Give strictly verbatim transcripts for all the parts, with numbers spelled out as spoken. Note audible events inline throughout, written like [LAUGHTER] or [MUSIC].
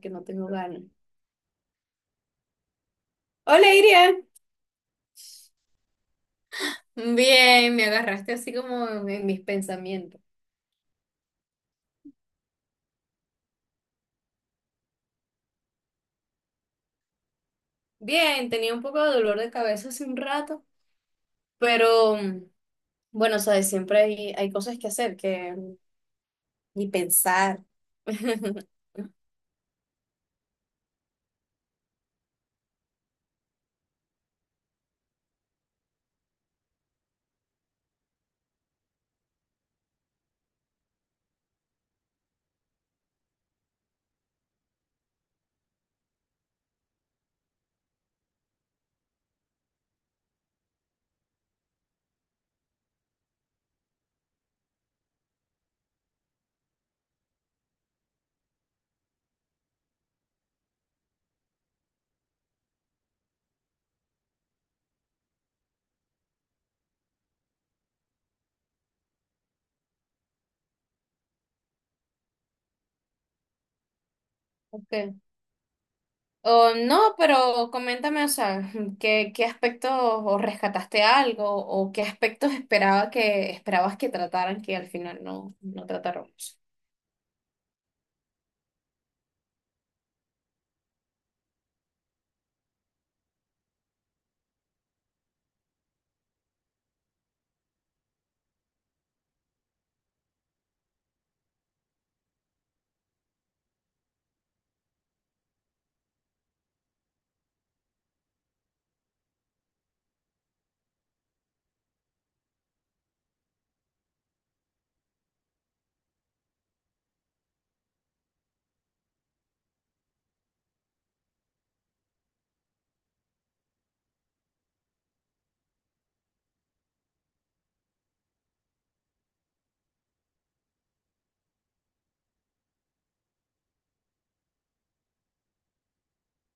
Que no tengo ganas. Hola, Iria. Bien, me agarraste así como en mis pensamientos. Bien, tenía un poco de dolor de cabeza hace un rato, pero mm, bueno, sabes, siempre hay, hay cosas que hacer que mm, ni pensar. [LAUGHS] Ok. Oh, no, pero coméntame, o sea, [LAUGHS] ¿qué, qué aspectos o rescataste algo o qué aspectos esperaba que, esperabas que trataran que al final no, no trataron?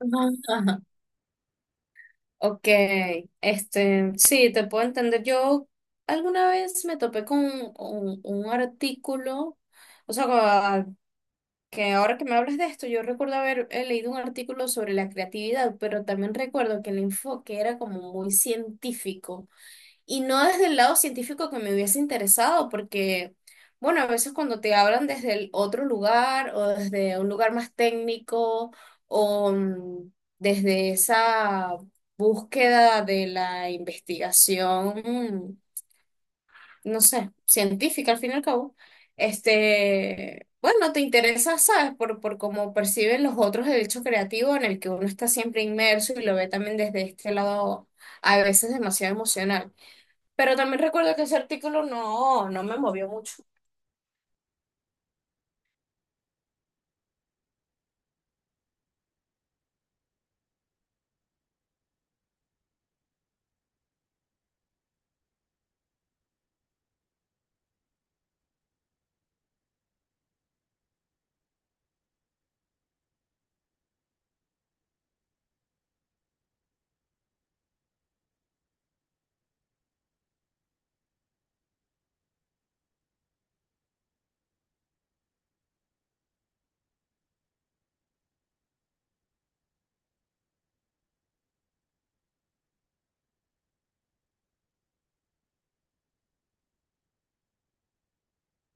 [LAUGHS] Ajá. Ok, este, sí, te puedo entender. Yo alguna vez me topé con un, un- un artículo, o sea, a- que ahora que me hablas de esto, yo recuerdo haber eh, leído un artículo sobre la creatividad, pero también recuerdo que el enfoque era como muy científico. Y no desde el lado científico que me hubiese interesado, porque, bueno, a veces cuando te hablan desde el otro lugar o desde un lugar más técnico o mm, desde esa búsqueda de la investigación, no sé, científica al fin y al cabo, este, bueno, te interesa, ¿sabes? Por, por cómo perciben los otros el hecho creativo en el que uno está siempre inmerso y lo ve también desde este lado a veces demasiado emocional. Pero también recuerdo que ese artículo no, no me movió mucho.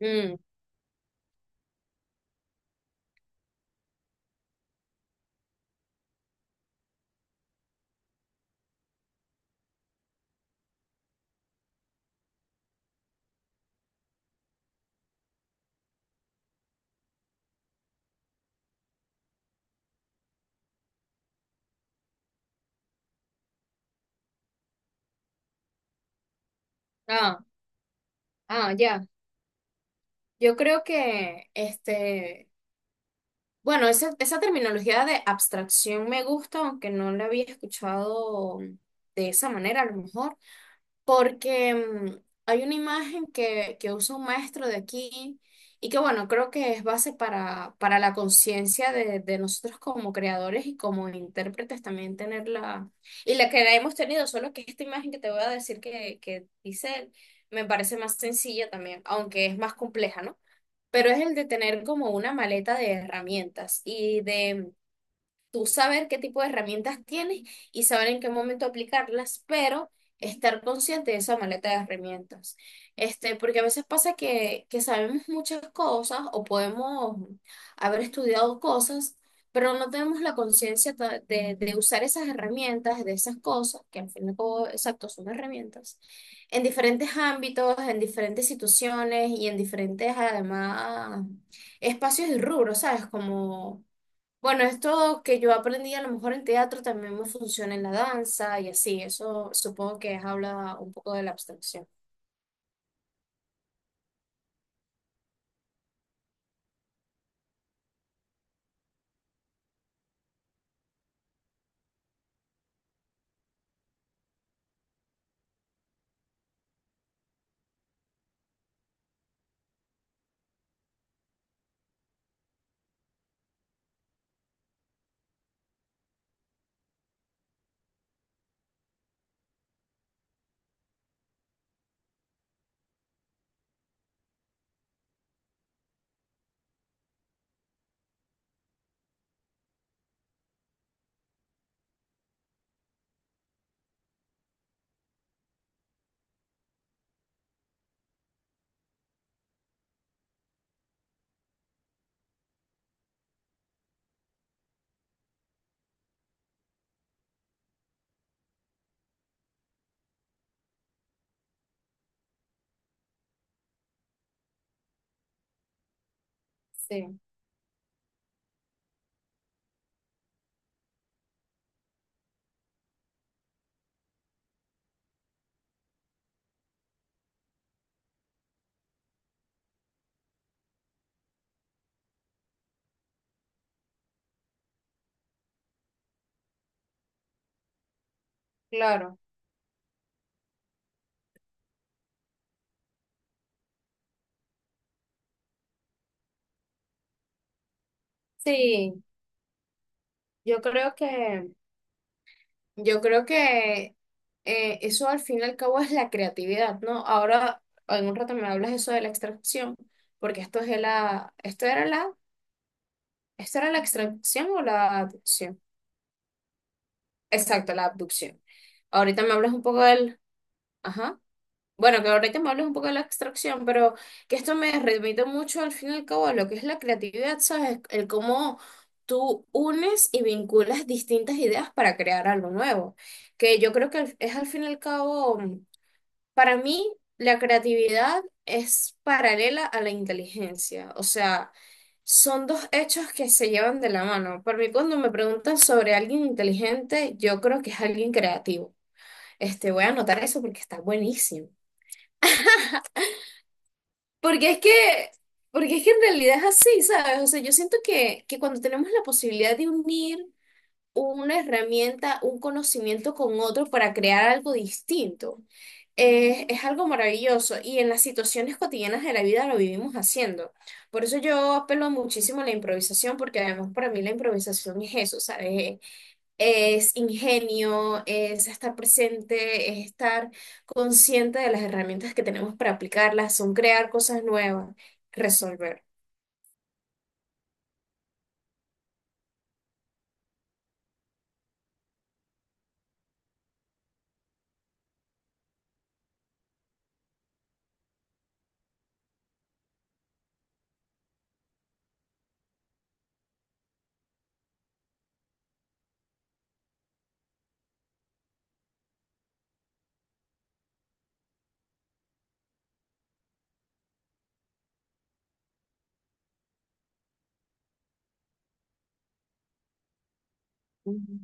Mm, ah, ah, ya. Yo creo que, este, bueno, esa, esa terminología de abstracción me gusta, aunque no la había escuchado de esa manera, a lo mejor. Porque mm, hay una imagen que, que usa un maestro de aquí y que bueno, creo que es base para, para la conciencia de, de nosotros como creadores y como intérpretes también tenerla, y la que la hemos tenido, solo que esta imagen que te voy a decir que, que dice él, me parece más sencilla también, aunque es más compleja, ¿no? Pero es el de tener como una maleta de herramientas y de tú saber qué tipo de herramientas tienes y saber en qué momento aplicarlas, pero estar consciente de esa maleta de herramientas. Este, porque a veces pasa que, que sabemos muchas cosas o podemos haber estudiado cosas, pero no tenemos la conciencia ta- de, de usar esas herramientas, de esas cosas, que al fin y al cabo, exacto, son herramientas, en diferentes ámbitos, en diferentes situaciones y en diferentes, además, espacios y rubros, ¿sabes? Como bueno, esto que yo aprendí a lo mejor en teatro también me funciona en la danza y así, eso supongo que es habla un poco de la abstracción. Sí, claro. Sí, yo creo que, yo creo que eh, eso al fin y al cabo es la creatividad, ¿no? Ahora, en un rato me hablas eso de la extracción, porque esto es de la, esto era la, esto era la extracción o la abducción. Exacto, la abducción. Ahorita me hablas un poco del, ajá. Bueno, que ahorita me hablas un poco de la abstracción, pero que esto me remite mucho al fin y al cabo a lo que es la creatividad, ¿sabes? El cómo tú unes y vinculas distintas ideas para crear algo nuevo. Que yo creo que es al fin y al cabo, para mí, la creatividad es paralela a la inteligencia. O sea, son dos hechos que se llevan de la mano. Para mí, cuando me preguntan sobre alguien inteligente, yo creo que es alguien creativo. Este, voy a anotar eso porque está buenísimo. Porque es que, porque es que en realidad es así, ¿sabes? O sea, yo siento que, que cuando tenemos la posibilidad de unir una herramienta, un conocimiento con otro para crear algo distinto, eh, es algo maravilloso y en las situaciones cotidianas de la vida lo vivimos haciendo. Por eso yo apelo muchísimo a la improvisación, porque además para mí la improvisación es eso, ¿sabes? Es ingenio, es estar presente, es estar consciente de las herramientas que tenemos para aplicarlas, son crear cosas nuevas, resolver. Ujú.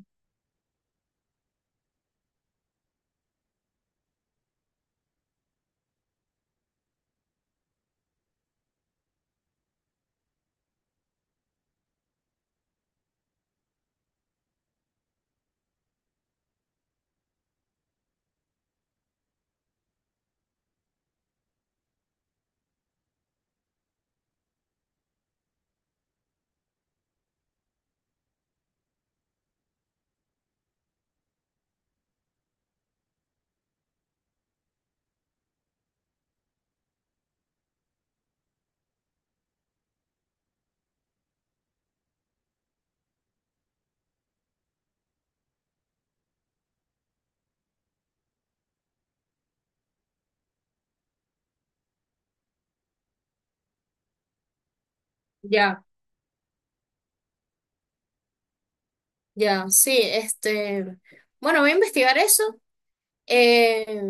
Ya, ya, sí, este, bueno, voy a investigar eso eh,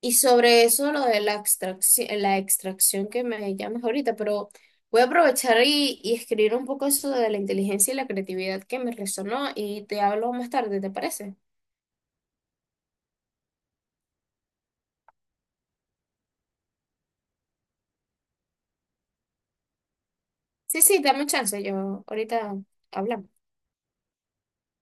y sobre eso lo de la extracción, la extracción que me llamas ahorita, pero voy a aprovechar y, y escribir un poco eso de la inteligencia y la creatividad que me resonó y te hablo más tarde, ¿te parece? Sí, sí, dame chance, yo ahorita hablamos.